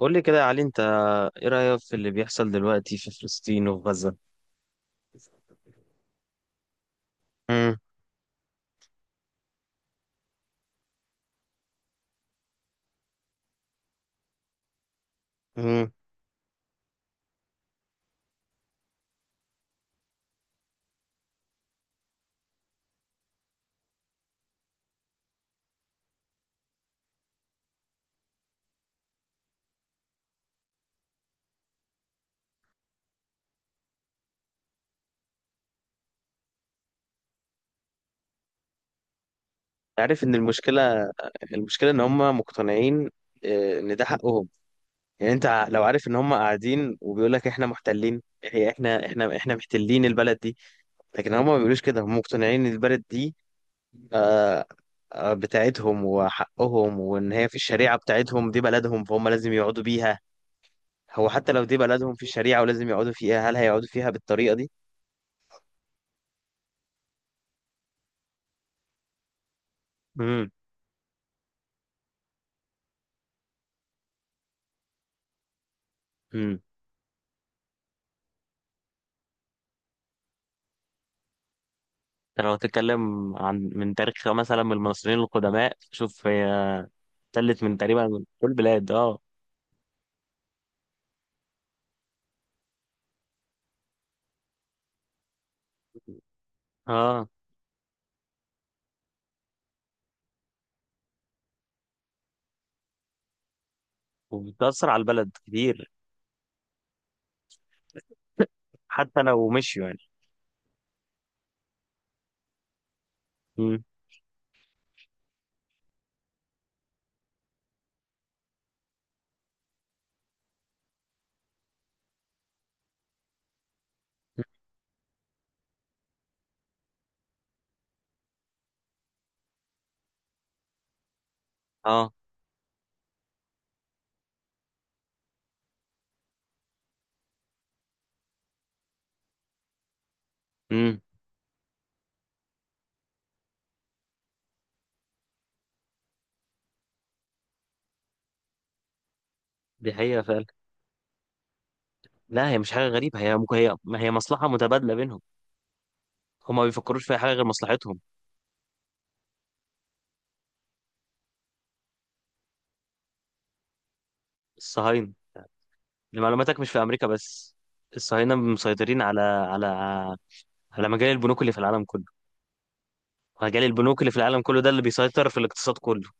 قول لي كده يا علي، انت ايه رأيك في اللي بيحصل دلوقتي في فلسطين وفي غزة؟ مم. مم. عارف ان المشكلة ان هم مقتنعين، اه، ان ده حقهم. يعني انت لو عارف ان هم قاعدين وبيقول لك احنا محتلين، هي احنا محتلين البلد دي. لكن هم ما بيقولوش كده، هم مقتنعين ان البلد دي آه، بتاعتهم وحقهم، وان هي في الشريعة بتاعتهم دي بلدهم، فهم لازم يقعدوا بيها. هو حتى لو دي بلدهم في الشريعة ولازم يقعدوا فيها، هل هيقعدوا فيها بالطريقة دي؟ امم. انت لو تتكلم عن من تاريخ مثلا من المصريين القدماء، شوف هي تلت من تقريبا من كل البلاد. اه. اه، وبتأثر على البلد كتير. حتى لو مشيوا يعني. امم. اه. امم. دي حقيقة فعلا. لا هي مش حاجة غريبة، هي ممكن هي ما هي مصلحة متبادلة بينهم. هما ما بيفكروش في أي حاجة غير مصلحتهم. الصهاينة. لمعلوماتك مش في أمريكا بس، الصهاينة مسيطرين على مجال البنوك اللي في العالم كله. مجال البنوك اللي في العالم كله ده اللي بيسيطر في الاقتصاد كله.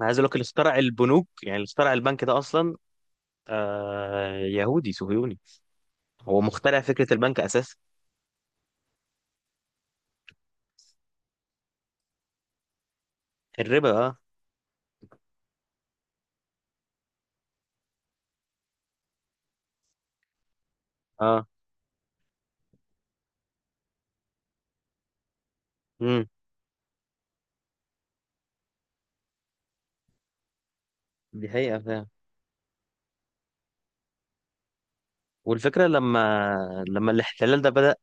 انا عايز اقول لك، اللي اخترع البنوك، يعني اللي اخترع البنك ده اصلا، آه، يهودي صهيوني. هو مخترع فكره البنك اساسا. الربا. اه. اه. امم. دي حقيقه فعلا. والفكره لما الاحتلال ده بدا،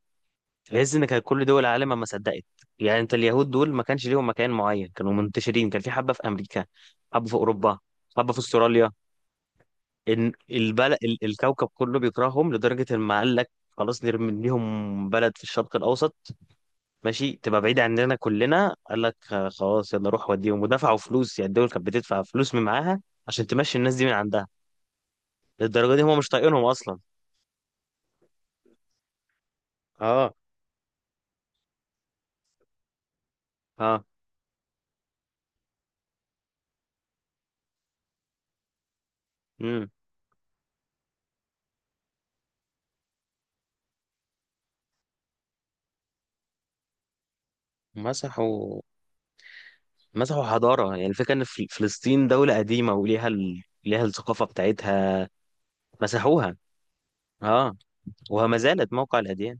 تحس ان كان كل دول العالم ما صدقت. يعني انت اليهود دول ما كانش ليهم مكان معين، كانوا منتشرين، كان في حبه في امريكا، حبه في اوروبا، حبه في استراليا. ان البلد، الكوكب كله بيكرههم لدرجه ان ما قال لك خلاص نرمي ليهم بلد في الشرق الاوسط، ماشي تبقى بعيد عننا كلنا. قال لك خلاص يلا روح وديهم، ودفعوا فلوس، يعني الدول كانت بتدفع فلوس من معاها عشان تمشي الناس دي من عندها. للدرجه دي هم مش طايقينهم اصلا. اه. اه. امم. مسحوا. مسحوا حضاره. يعني الفكره ان فلسطين دوله قديمه وليها ليها الثقافه بتاعتها. مسحوها. اه. وما زالت موقع الاديان.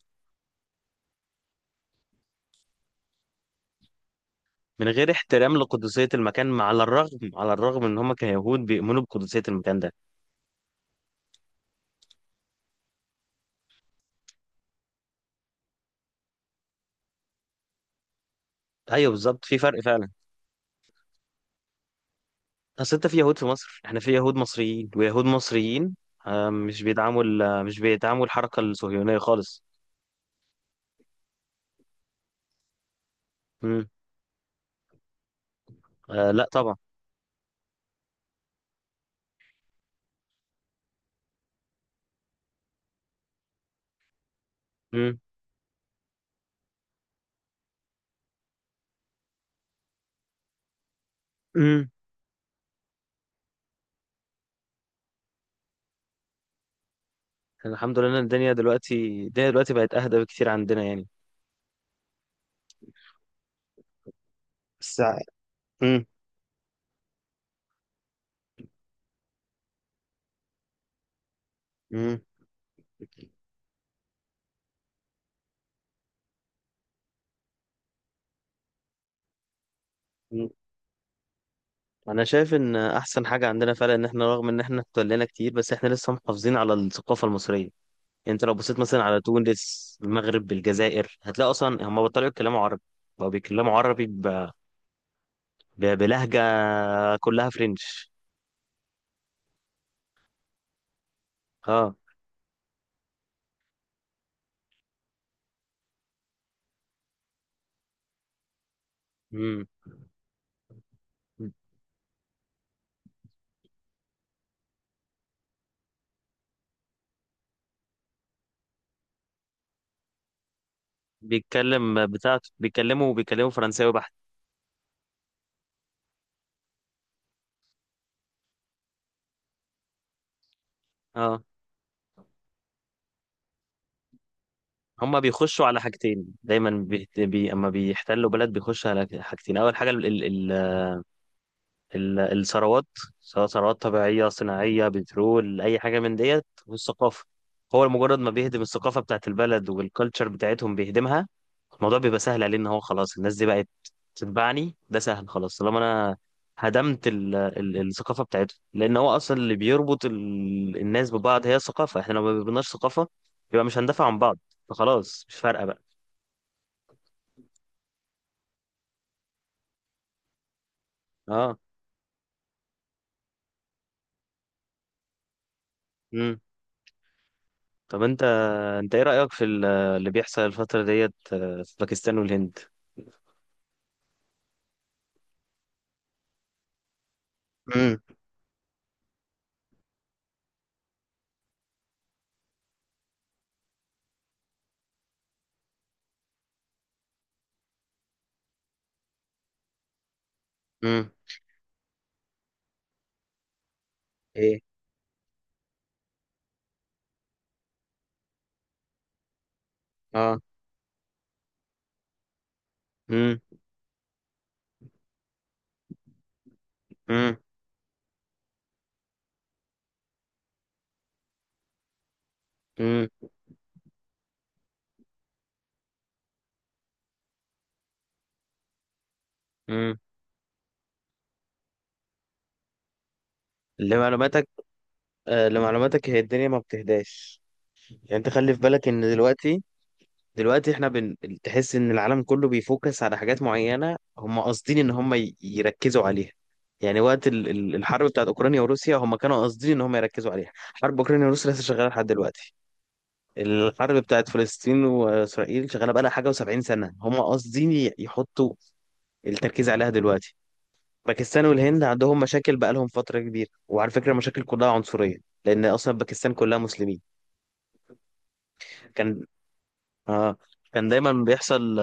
من غير احترام لقدسيه المكان، على الرغم ان هم كيهود بيؤمنوا بقدسيه المكان ده. ايوه بالظبط، في فرق فعلا. اصل انت في يهود في مصر، احنا في يهود مصريين ويهود مصريين، مش بيدعموا مش بيدعموا الحركة الصهيونية خالص. امم. آه. لا طبعا. امم. امم. الحمد لله إن الدنيا دلوقتي، الدنيا دلوقتي بقت اهدى بكتير عندنا يعني. بس. امم. امم. مم. انا شايف ان احسن حاجه عندنا فعلا ان احنا رغم ان احنا اتولينا كتير، بس احنا لسه محافظين على الثقافه المصريه يعني. انت لو بصيت مثلا على تونس المغرب الجزائر، هتلاقي اصلا هم بطلوا يتكلموا عربي، بقوا بيتكلموا عربي بلهجة كلها فرنش. اه. امم. بيتكلم بتاعته، بيتكلموا فرنساوي بحت. اه. هما بيخشوا على حاجتين دايما اما بيحتلوا بلد بيخشوا على حاجتين. اول حاجة الثروات، سواء ثروات طبيعية صناعية بترول أي حاجة من ديت، والثقافة. هو مجرد ما بيهدم الثقافة بتاعت البلد والكالتشر بتاعتهم بيهدمها، الموضوع بيبقى سهل عليه إن هو خلاص الناس دي بقت تتبعني. ده سهل خلاص طالما أنا هدمت ال ال الثقافة بتاعتهم، لأن هو أصلا اللي بيربط الناس ببعض هي الثقافة. إحنا لو ما بيبناش ثقافة، يبقى مش هندافع عن بعض، فخلاص مش فارقة بقى. أه. مم. طب أنت، أنت إيه رأيك في اللي بيحصل الفترة ديت في باكستان والهند؟ امم. امم. ايه. اه. امم. امم. امم. امم. لمعلوماتك، آه، لمعلوماتك هي الدنيا ما بتهداش. يعني انت خلي في بالك ان دلوقتي، دلوقتي احنا تحس ان العالم كله بيفوكس على حاجات معينة هم قاصدين ان هم يركزوا عليها. يعني وقت الحرب بتاعت اوكرانيا وروسيا هم كانوا قاصدين ان هم يركزوا عليها، حرب اوكرانيا وروسيا لسه شغالة لحد دلوقتي. الحرب بتاعت فلسطين واسرائيل شغالة بقى لها حاجة و70 سنة، هم قاصدين يحطوا التركيز عليها دلوقتي. باكستان والهند عندهم مشاكل بقالهم فترة كبيرة، وعلى فكرة مشاكل كلها عنصرية، لأن أصلا باكستان كلها مسلمين. كان. آه. كان دايما بيحصل.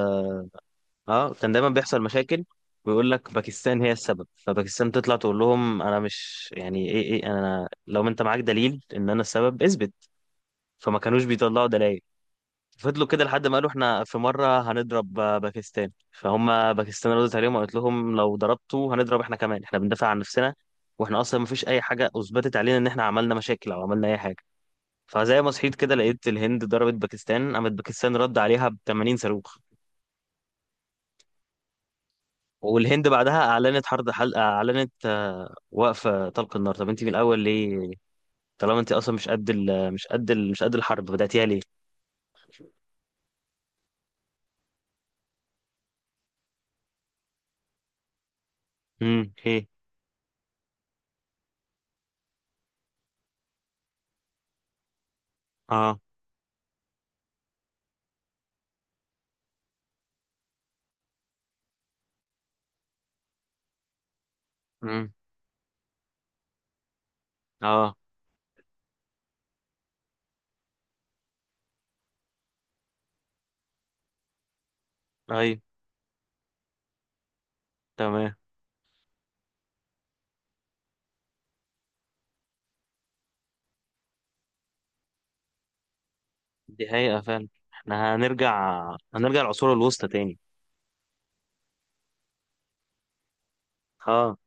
آه. كان دايما بيحصل مشاكل، ويقول لك باكستان هي السبب، فباكستان تطلع تقول لهم أنا مش يعني إيه إيه، أنا لو أنت معاك دليل إن أنا السبب اثبت، فما كانوش بيطلعوا دلائل. فضلوا كده لحد ما قالوا احنا في مرة هنضرب باكستان، فهم باكستان ردت عليهم وقالت لهم لو ضربتوا هنضرب احنا كمان، احنا بندافع عن نفسنا، واحنا اصلا مفيش اي حاجة اثبتت علينا ان احنا عملنا مشاكل او عملنا اي حاجة. فزي ما صحيت كده لقيت الهند ضربت باكستان، قامت باكستان رد عليها ب 80 صاروخ. والهند بعدها اعلنت حرب اعلنت وقف طلق النار. طب انت من الاول ليه؟ طالما انت اصلا مش قد الحرب، بدأتيها ليه؟ امم. هي. اه. امم. اه. ايوه. تمام. دي حقيقة فعلا. احنا هنرجع، هنرجع العصور الوسطى تاني. اه.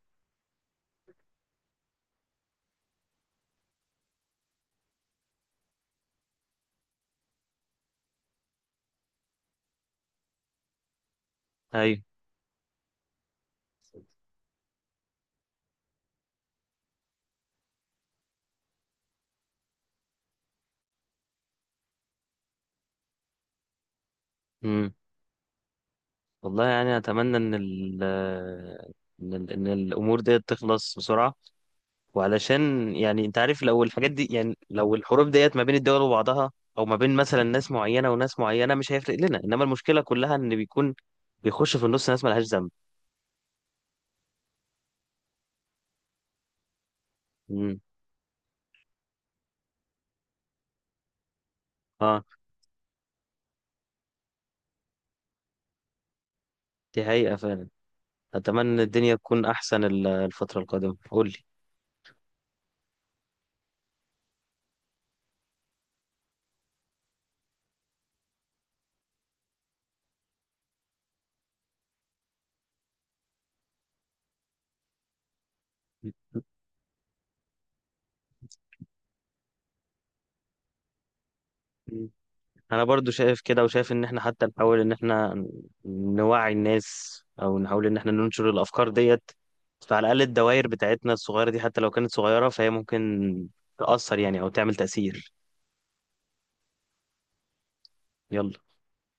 ايوه. امم. والله يعني اتمنى إن الامور ديت تخلص بسرعه، وعلشان يعني انت عارف لو الحاجات دي، يعني لو الحروب ديت ما بين الدول وبعضها او ما بين مثلا ناس معينه وناس معينه، مش هيفرق لنا، انما المشكله كلها ان بيكون بيخش في النص ناس ملهاش ذنب. امم. اه. دي حقيقه فعلا. اتمنى الدنيا تكون احسن الفتره القادمه. قول لي. انا برضو شايف كده، وشايف ان احنا حتى نحاول ان احنا نوعي الناس او نحاول ان احنا ننشر الافكار ديت، فعلى الاقل الدوائر بتاعتنا الصغيره دي حتى لو كانت صغيره فهي ممكن تاثر يعني او تعمل تاثير. يلا.